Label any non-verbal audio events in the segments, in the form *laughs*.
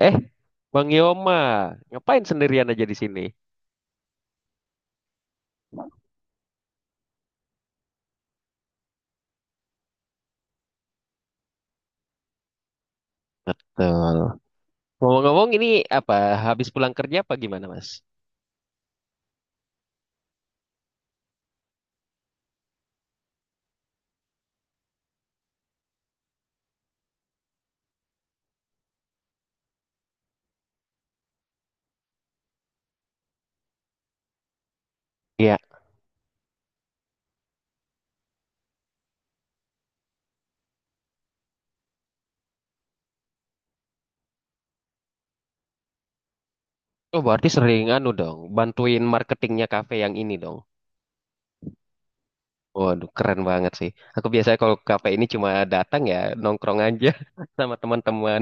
Eh, Bang Yoma, ngapain sendirian aja di sini? Betul. Ngomong-ngomong ini apa, habis pulang kerja apa gimana, Mas? Iya. Oh, berarti sering anu dong, bantuin marketingnya kafe yang ini dong. Waduh, keren banget sih. Aku biasanya kalau ke kafe ini cuma datang ya, nongkrong aja *laughs* sama teman-teman.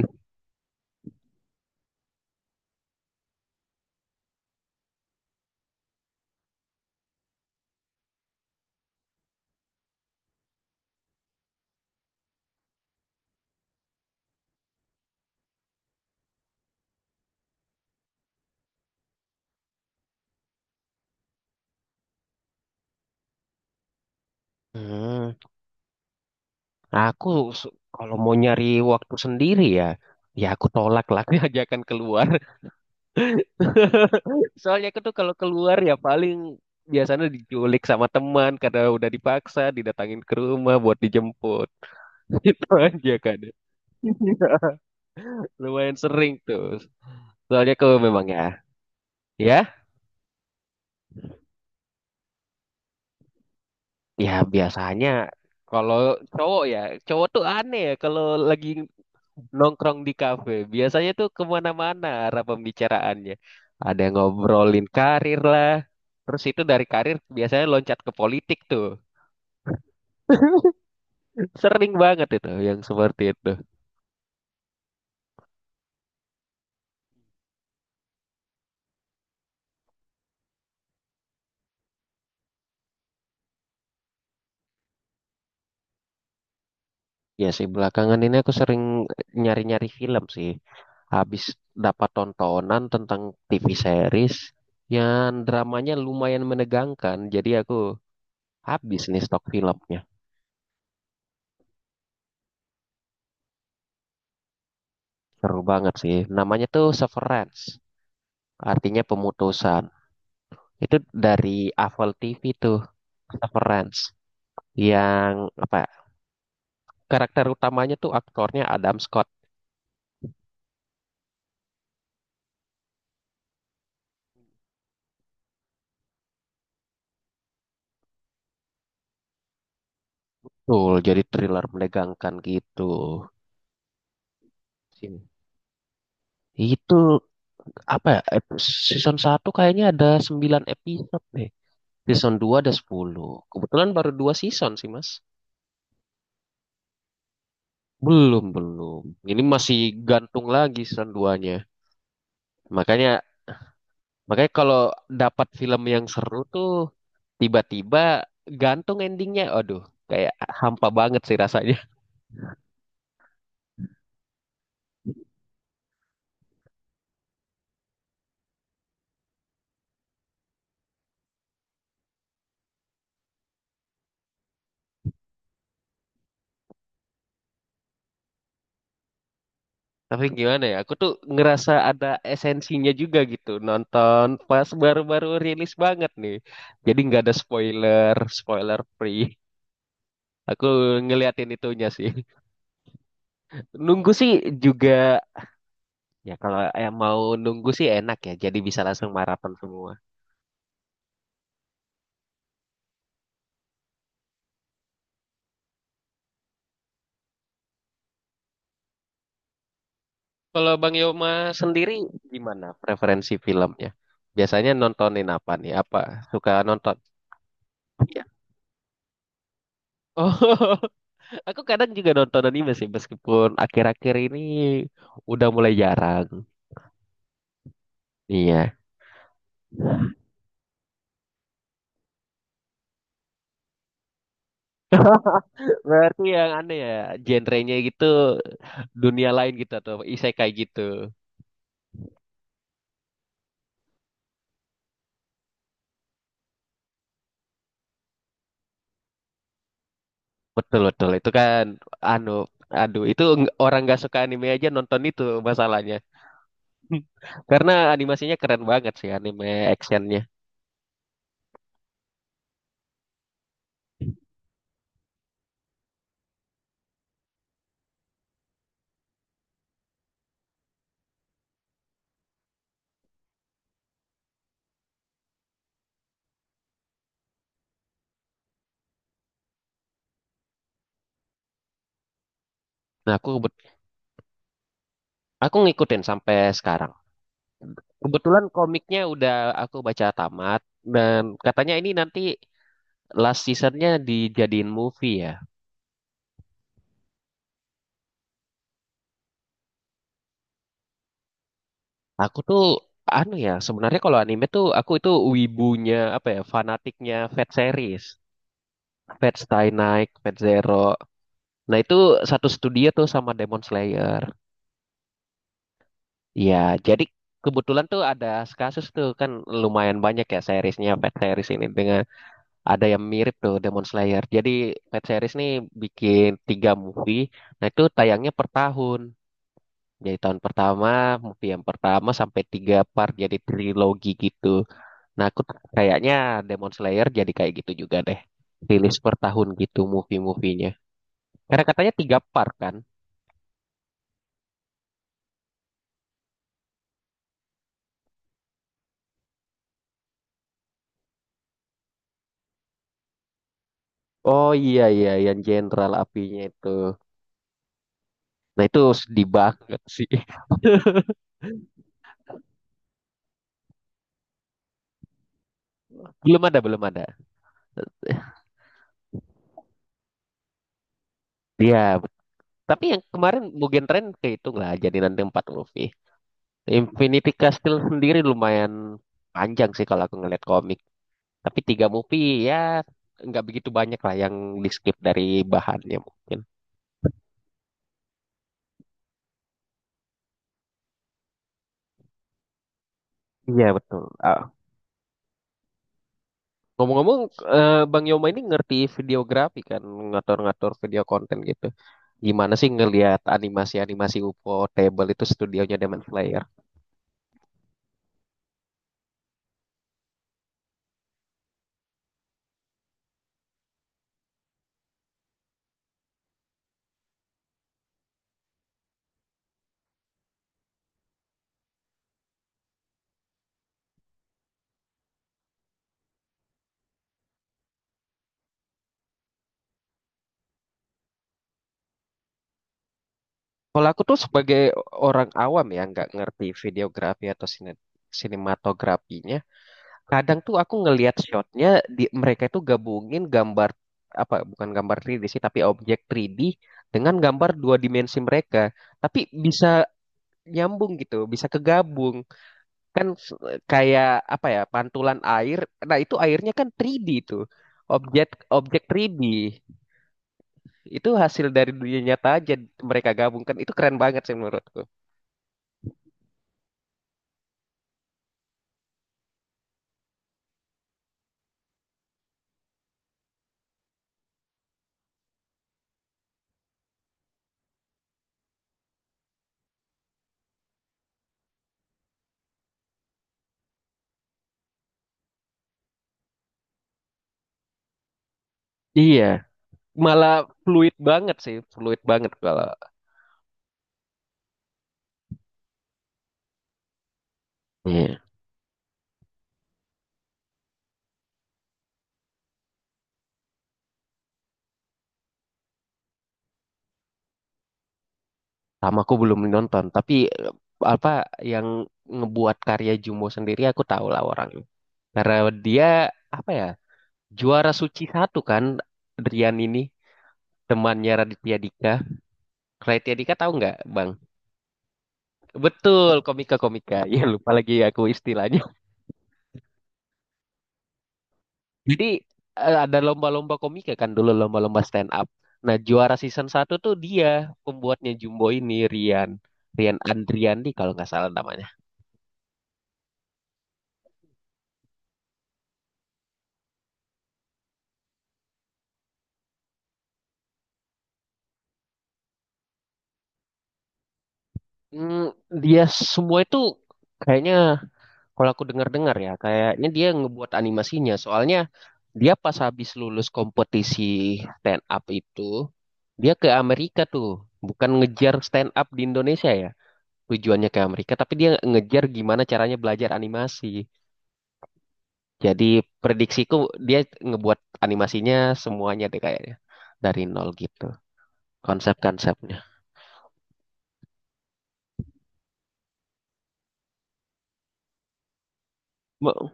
Hmm. Aku Kalau mau nyari waktu sendiri ya, ya aku tolak lah *laughs* ajakan keluar. Soalnya aku tuh kalau keluar ya paling biasanya diculik sama teman karena udah dipaksa didatangin ke rumah buat dijemput. *laughs* Itu aja kan. Lumayan sering tuh. Soalnya kalau memang ya, ya, biasanya kalau cowok ya, cowok tuh aneh ya kalau lagi nongkrong di kafe. Biasanya tuh kemana-mana arah pembicaraannya. Ada yang ngobrolin karir lah. Terus itu dari karir biasanya loncat ke politik tuh. Sering banget itu yang seperti itu. Ya sih, belakangan ini aku sering nyari-nyari film sih. Habis dapat tontonan tentang TV series yang dramanya lumayan menegangkan. Jadi aku habis nih stok filmnya. Seru banget sih. Namanya tuh Severance, artinya pemutusan. Itu dari Apple TV tuh, Severance. Yang apa ya, karakter utamanya tuh aktornya Adam Scott. Tuh, jadi thriller menegangkan gitu. Sini. Itu apa ya ep- season 1 kayaknya ada 9 episode deh, season 2 ada 10, kebetulan baru 2 season sih, Mas. Belum, belum. Ini masih gantung lagi season duanya. Makanya makanya kalau dapat film yang seru tuh tiba-tiba gantung endingnya, aduh, kayak hampa banget sih rasanya. *laughs* Tapi gimana ya, aku tuh ngerasa ada esensinya juga gitu nonton pas baru-baru rilis banget nih. Jadi nggak ada spoiler, spoiler free. Aku ngeliatin itunya sih. Nunggu sih juga, ya kalau yang mau nunggu sih enak ya. Jadi bisa langsung maraton semua. Kalau Bang Yoma sendiri gimana preferensi filmnya? Biasanya nontonin apa nih? Apa suka nonton? Iya. Oh, *laughs* aku kadang juga nonton anime sih, meskipun akhir-akhir ini udah mulai jarang. Iya. Berarti yang aneh ya, genrenya gitu, dunia lain gitu atau isekai gitu. Betul, betul, itu kan anu, aduh itu orang nggak suka anime aja nonton itu masalahnya. *laughs* Karena animasinya keren banget sih, anime actionnya. Nah aku kebet- aku ngikutin sampai sekarang. Kebetulan komiknya udah aku baca tamat, dan katanya ini nanti last seasonnya dijadiin movie ya. Aku tuh anu ya, sebenarnya kalau anime tuh aku itu wibunya apa ya, fanatiknya Fat series. Fate Stay Night, Fate Zero. Nah itu satu studio tuh sama Demon Slayer. Iya, jadi kebetulan tuh ada kasus tuh kan lumayan banyak ya seriesnya, Pet Series ini dengan ada yang mirip tuh Demon Slayer. Jadi Pet Series nih bikin 3 movie, nah itu tayangnya per tahun. Jadi tahun pertama, movie yang pertama sampai 3 part jadi trilogi gitu. Kayaknya Demon Slayer jadi kayak gitu juga deh. Rilis per tahun gitu movie-movienya. Karena katanya 3 part kan. Oh iya iya, yang Jenderal Apinya itu. Nah itu sedih banget sih. Belum ada, belum ada. Iya, tapi yang kemarin Mugen Train kehitung lah, jadi nanti 4 movie. Infinity Castle sendiri lumayan panjang sih kalau aku ngeliat komik. Tapi 3 movie ya nggak begitu banyak lah yang di skip dari bahannya mungkin. Iya betul. Ah, ngomong-ngomong, eh, Bang Yoma ini ngerti videografi kan, ngatur-ngatur video konten gitu. Gimana sih ngelihat animasi-animasi UFO Table itu studionya Demon Slayer? Kalau aku tuh sebagai orang awam ya, nggak ngerti videografi atau sinematografinya, kadang tuh aku ngelihat shotnya di mereka itu gabungin gambar, apa bukan gambar 3D sih tapi objek 3D dengan gambar dua dimensi mereka, tapi bisa nyambung gitu, bisa kegabung kan, kayak apa ya, pantulan air, nah itu airnya kan 3D tuh objek objek 3D itu hasil dari dunia nyata aja mereka gabungkan, itu keren banget sih menurutku. Iya. Malah fluid banget sih, fluid banget kalau. Iya. Sama, aku belum nonton, tapi eh, apa yang ngebuat karya Jumbo sendiri aku tahu lah orangnya. Karena dia apa ya, juara SUCI 1 kan Rian ini, temannya Raditya Dika. Raditya Dika tahu nggak, Bang? Betul, komika-komika. Ya lupa lagi aku istilahnya. Jadi eh, ada lomba-lomba komika kan dulu, lomba-lomba stand up. Nah, juara season 1 tuh dia pembuatnya Jumbo ini, Rian. Rian Andriandi kalau nggak salah namanya. Hmm, dia semua itu kayaknya kalau aku dengar-dengar ya, kayaknya dia ngebuat animasinya. Soalnya dia pas habis lulus kompetisi stand up itu dia ke Amerika tuh, bukan ngejar stand up di Indonesia ya. Tujuannya ke Amerika tapi dia ngejar gimana caranya belajar animasi. Jadi prediksiku dia ngebuat animasinya semuanya deh kayaknya, dari nol gitu konsep-konsepnya. Ma-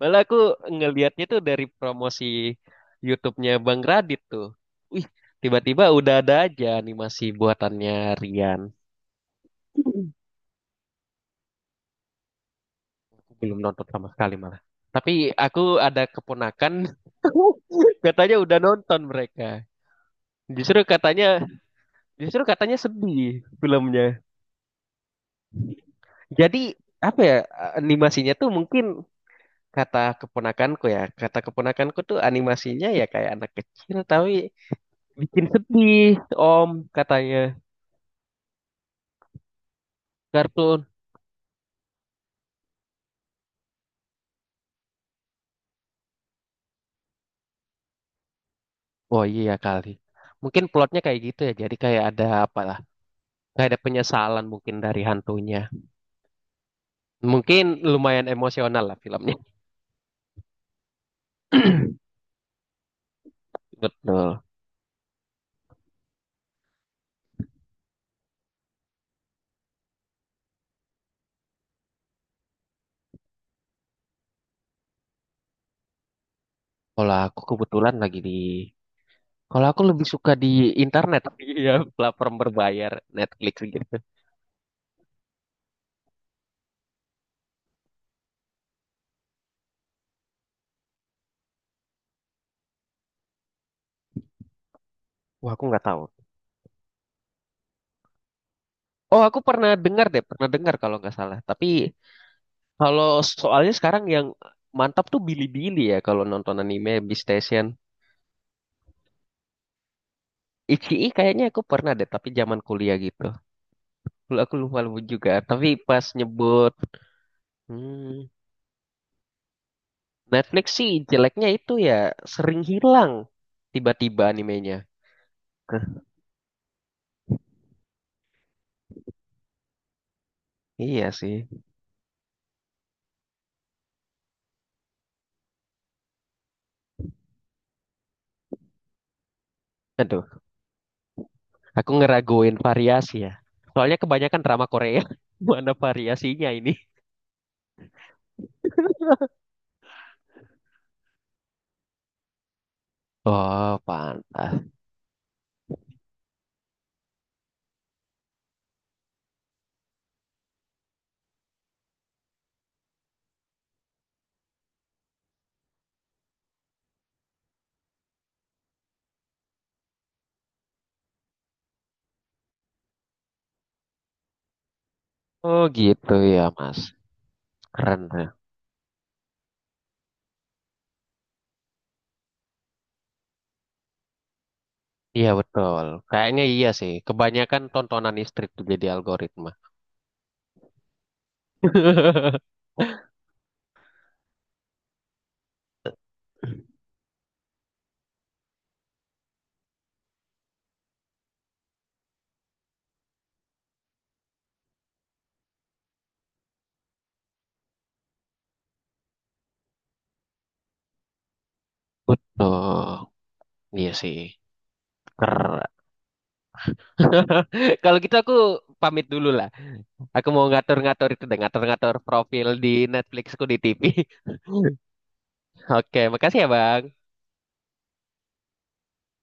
Malah aku ngelihatnya tuh dari promosi YouTube-nya Bang Radit tuh. Wih, tiba-tiba udah ada aja animasi buatannya Rian. Aku belum nonton sama sekali malah. Tapi aku ada keponakan *laughs* katanya udah nonton mereka. Justru katanya, sedih filmnya. Jadi apa ya, animasinya tuh mungkin, kata keponakanku ya, kata keponakanku tuh animasinya ya kayak anak kecil tapi bikin sedih, Om, katanya kartun. Oh iya kali. Mungkin plotnya kayak gitu ya. Jadi kayak ada apa lah, kayak ada penyesalan mungkin dari hantunya. Mungkin lumayan emosional lah filmnya. *laughs* Betul. Kalau aku kebetulan lagi di, kalau aku lebih suka di internet, *laughs* ya platform berbayar Netflix gitu. Wah, aku nggak tahu. Oh, aku pernah dengar deh, pernah dengar kalau nggak salah. Tapi kalau soalnya sekarang yang mantap tuh Bilibili ya kalau nonton anime di Station. Ichi'i kayaknya aku pernah deh, tapi zaman kuliah gitu. Aku lupa lupa juga, tapi pas nyebut. Hmm, Netflix sih jeleknya itu ya sering hilang tiba-tiba animenya. Hah, iya sih. Aduh, aku ngeraguin variasi ya. Soalnya kebanyakan drama Korea. *laughs* Mana variasinya ini? Oh, pantas. Oh gitu ya, Mas. Keren. Iya betul. Kayaknya iya sih. Kebanyakan tontonan istri tuh jadi algoritma. *laughs* Betul. Iya sih. Keren. *laughs* Kalau gitu aku pamit dulu lah. Aku mau ngatur-ngatur itu deh, ngatur-ngatur profil di Netflixku di TV. *laughs* Oke, makasih ya, Bang.